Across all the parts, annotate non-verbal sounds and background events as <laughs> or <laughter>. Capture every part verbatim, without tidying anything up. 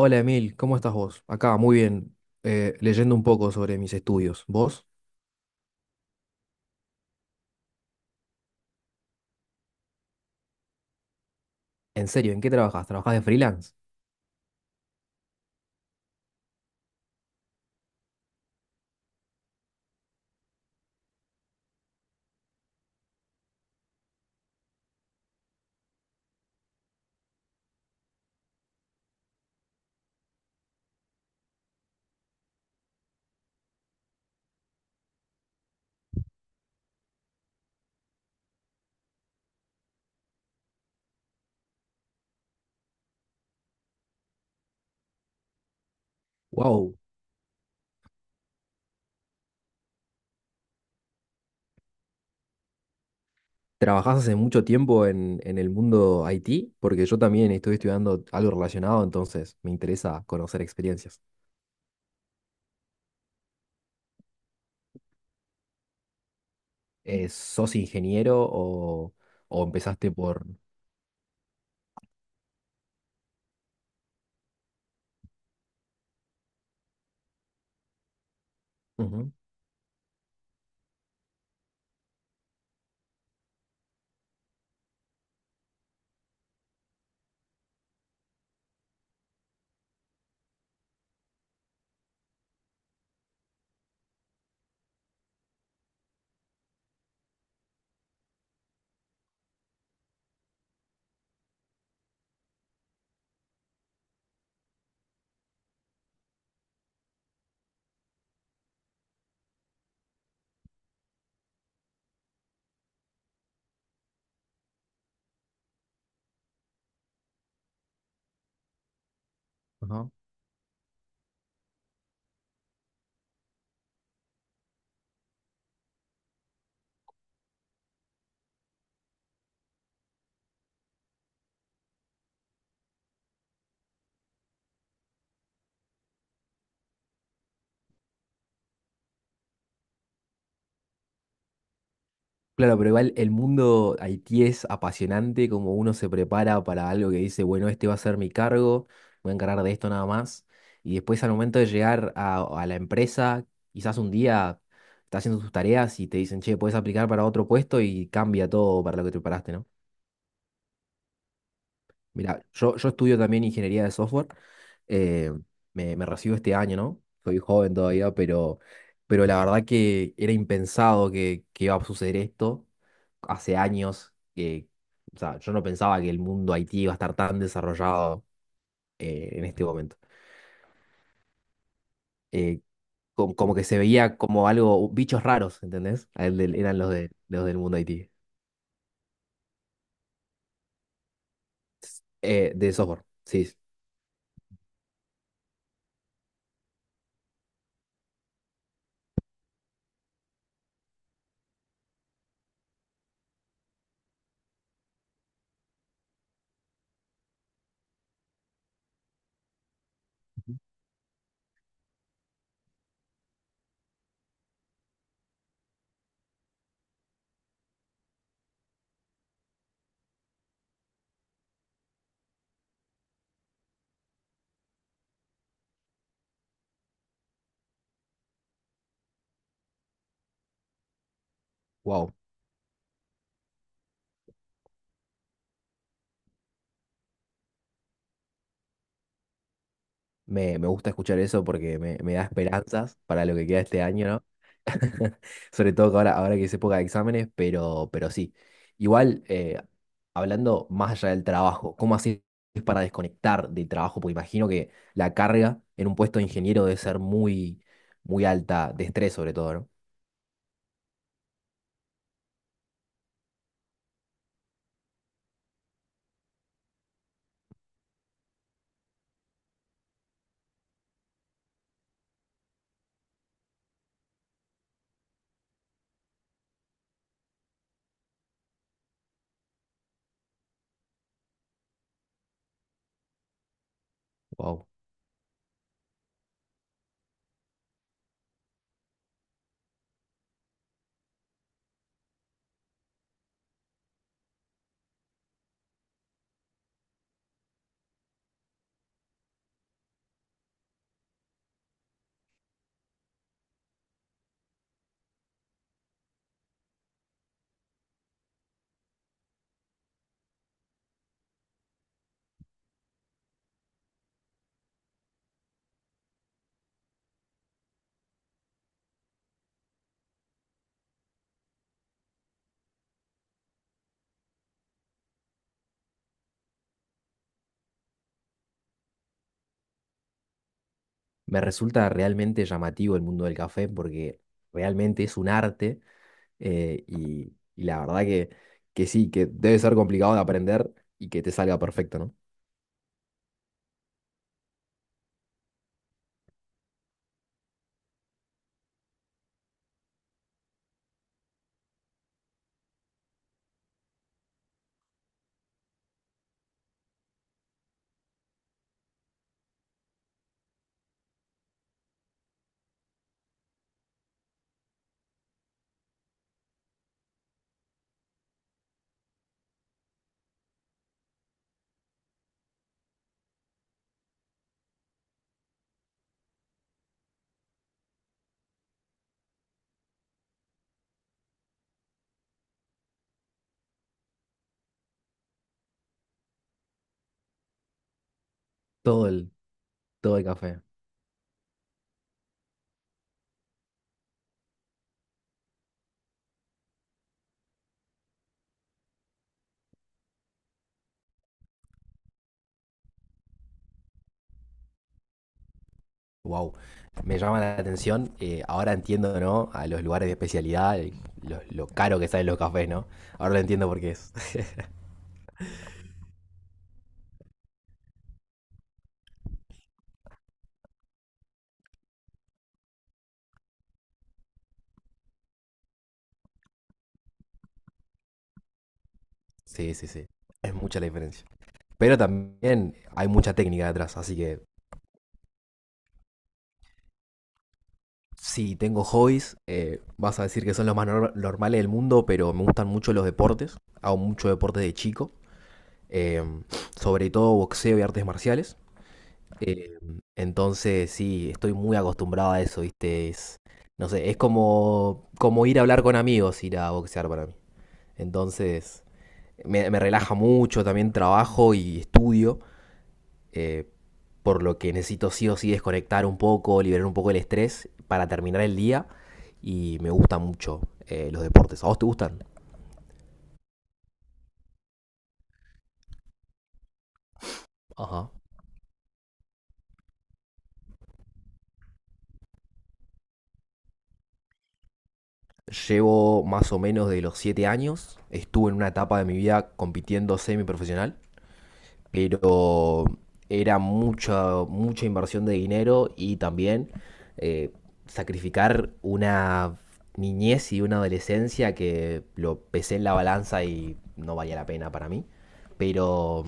Hola Emil, ¿cómo estás vos? Acá, muy bien, eh, leyendo un poco sobre mis estudios. ¿Vos? ¿En serio? ¿En qué trabajas? ¿Trabajás de freelance? Wow. ¿Trabajás hace mucho tiempo en, en el mundo I T? Porque yo también estoy estudiando algo relacionado, entonces me interesa conocer experiencias. Eh, ¿sos ingeniero o, o empezaste por... Ujú, ajá. Claro, pero igual el mundo Haití es apasionante, como uno se prepara para algo que dice, bueno, este va a ser mi cargo, voy a encargar de esto nada más. Y después al momento de llegar a, a la empresa, quizás un día estás haciendo tus tareas y te dicen, che, puedes aplicar para otro puesto y cambia todo para lo que te preparaste, ¿no? Mira, yo, yo estudio también ingeniería de software. eh, me, me recibo este año, ¿no? Soy joven todavía, pero, pero la verdad que era impensado que, que iba a suceder esto. Hace años que, o sea, yo no pensaba que el mundo I T iba a estar tan desarrollado eh, en este momento. Eh, com- Como, que se veía como algo, bichos raros, ¿entendés? A él del- Eran los, de, los del mundo I T. Eh, de software, sí. Wow. Me, me gusta escuchar eso porque me, me da esperanzas para lo que queda este año, ¿no? <laughs> Sobre todo que ahora, ahora que es época de exámenes, pero, pero sí. Igual, eh, hablando más allá del trabajo, ¿cómo haces para desconectar del trabajo? Porque imagino que la carga en un puesto de ingeniero debe ser muy, muy alta, de estrés sobre todo, ¿no? Wow. Me resulta realmente llamativo el mundo del café porque realmente es un arte. Eh, y, y la verdad que, que sí, que debe ser complicado de aprender y que te salga perfecto, ¿no? Todo el, todo el café. Wow. Me llama la atención. Eh, ahora entiendo, ¿no? A los lugares de especialidad, el- lo, lo caro que salen los cafés, ¿no? Ahora lo entiendo por qué es. <laughs> Sí, sí, sí. Es mucha la diferencia. Pero también hay mucha técnica detrás, así que si tengo hobbies, eh, vas a decir que son los más nor- normales del mundo, pero me gustan mucho los deportes. Hago mucho deporte de chico. eh, Sobre todo boxeo y artes marciales. Eh, entonces, sí, estoy muy acostumbrado a eso, ¿viste? Es, no sé, es como, como ir a hablar con amigos, ir a boxear para mí. Entonces, me, me relaja mucho, también trabajo y estudio, eh, por lo que necesito sí o sí desconectar un poco, liberar un poco el estrés para terminar el día y me gusta mucho eh, los deportes. ¿A vos te gustan? Ajá. Llevo más o menos de los siete años. Estuve en una etapa de mi vida compitiendo semiprofesional, pero era mucha, mucha inversión de dinero y también eh, sacrificar una niñez y una adolescencia que lo pesé en la balanza y no valía la pena para mí. Pero,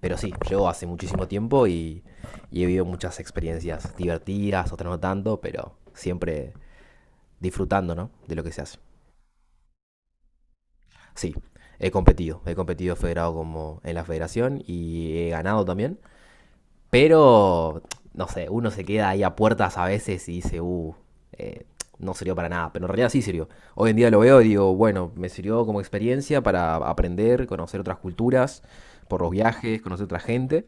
pero sí, llevo hace muchísimo tiempo y, y he vivido muchas experiencias divertidas, otras no tanto, pero siempre disfrutando, ¿no?, de lo que se hace. Sí, he competido. He competido federado como en la federación y he ganado también. Pero, no sé, uno se queda ahí a puertas a veces y dice, uh, eh, no sirvió para nada. Pero en realidad sí sirvió. Hoy en día lo veo y digo, bueno, me sirvió como experiencia para aprender, conocer otras culturas, por los viajes, conocer otra gente.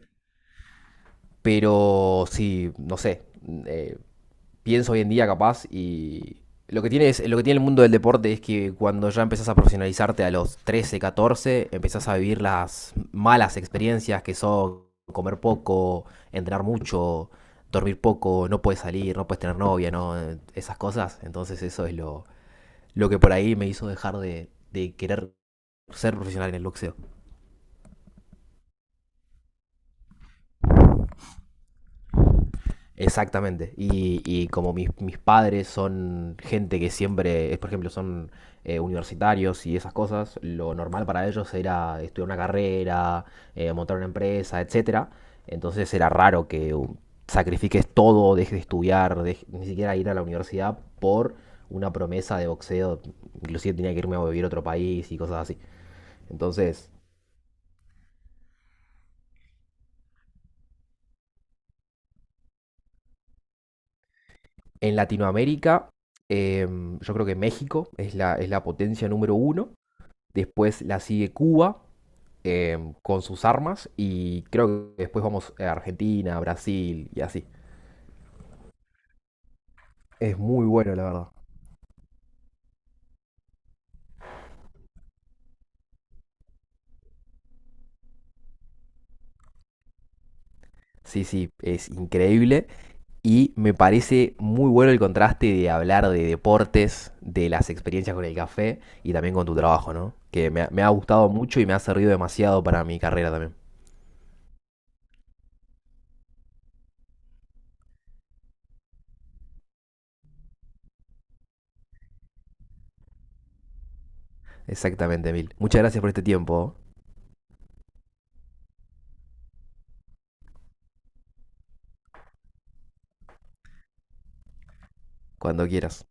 Pero sí, no sé, eh, pienso hoy en día capaz y lo que tiene es, lo que tiene el mundo del deporte es que cuando ya empezás a profesionalizarte a los trece catorce empezás a vivir las malas experiencias que son comer poco, entrenar mucho, dormir poco, no puedes salir, no puedes tener novia, no esas cosas. Entonces eso es lo, lo que por ahí me hizo dejar de, de querer ser profesional en el boxeo. Exactamente. Y, y como mis, mis padres son gente que siempre, es, por ejemplo, son eh, universitarios y esas cosas, lo normal para ellos era estudiar una carrera, eh, montar una empresa, etcétera. Entonces era raro que um, sacrifiques todo, dejes de estudiar, dej- ni siquiera ir a la universidad por una promesa de boxeo. Inclusive tenía que irme a vivir a otro país y cosas así. Entonces, en Latinoamérica, em, yo creo que México es la, es la potencia número uno. Después la sigue Cuba eh, con sus armas y creo que después vamos a Argentina, Brasil y así. Es muy bueno, la verdad. Sí, sí, es increíble. Y me parece muy bueno el contraste de hablar de deportes, de las experiencias con el café y también con tu trabajo, ¿no? Que me ha, me ha gustado mucho y me ha servido demasiado para mi carrera también. Exactamente, Mil. Muchas gracias por este tiempo. ¿Oh? Cuando quieras.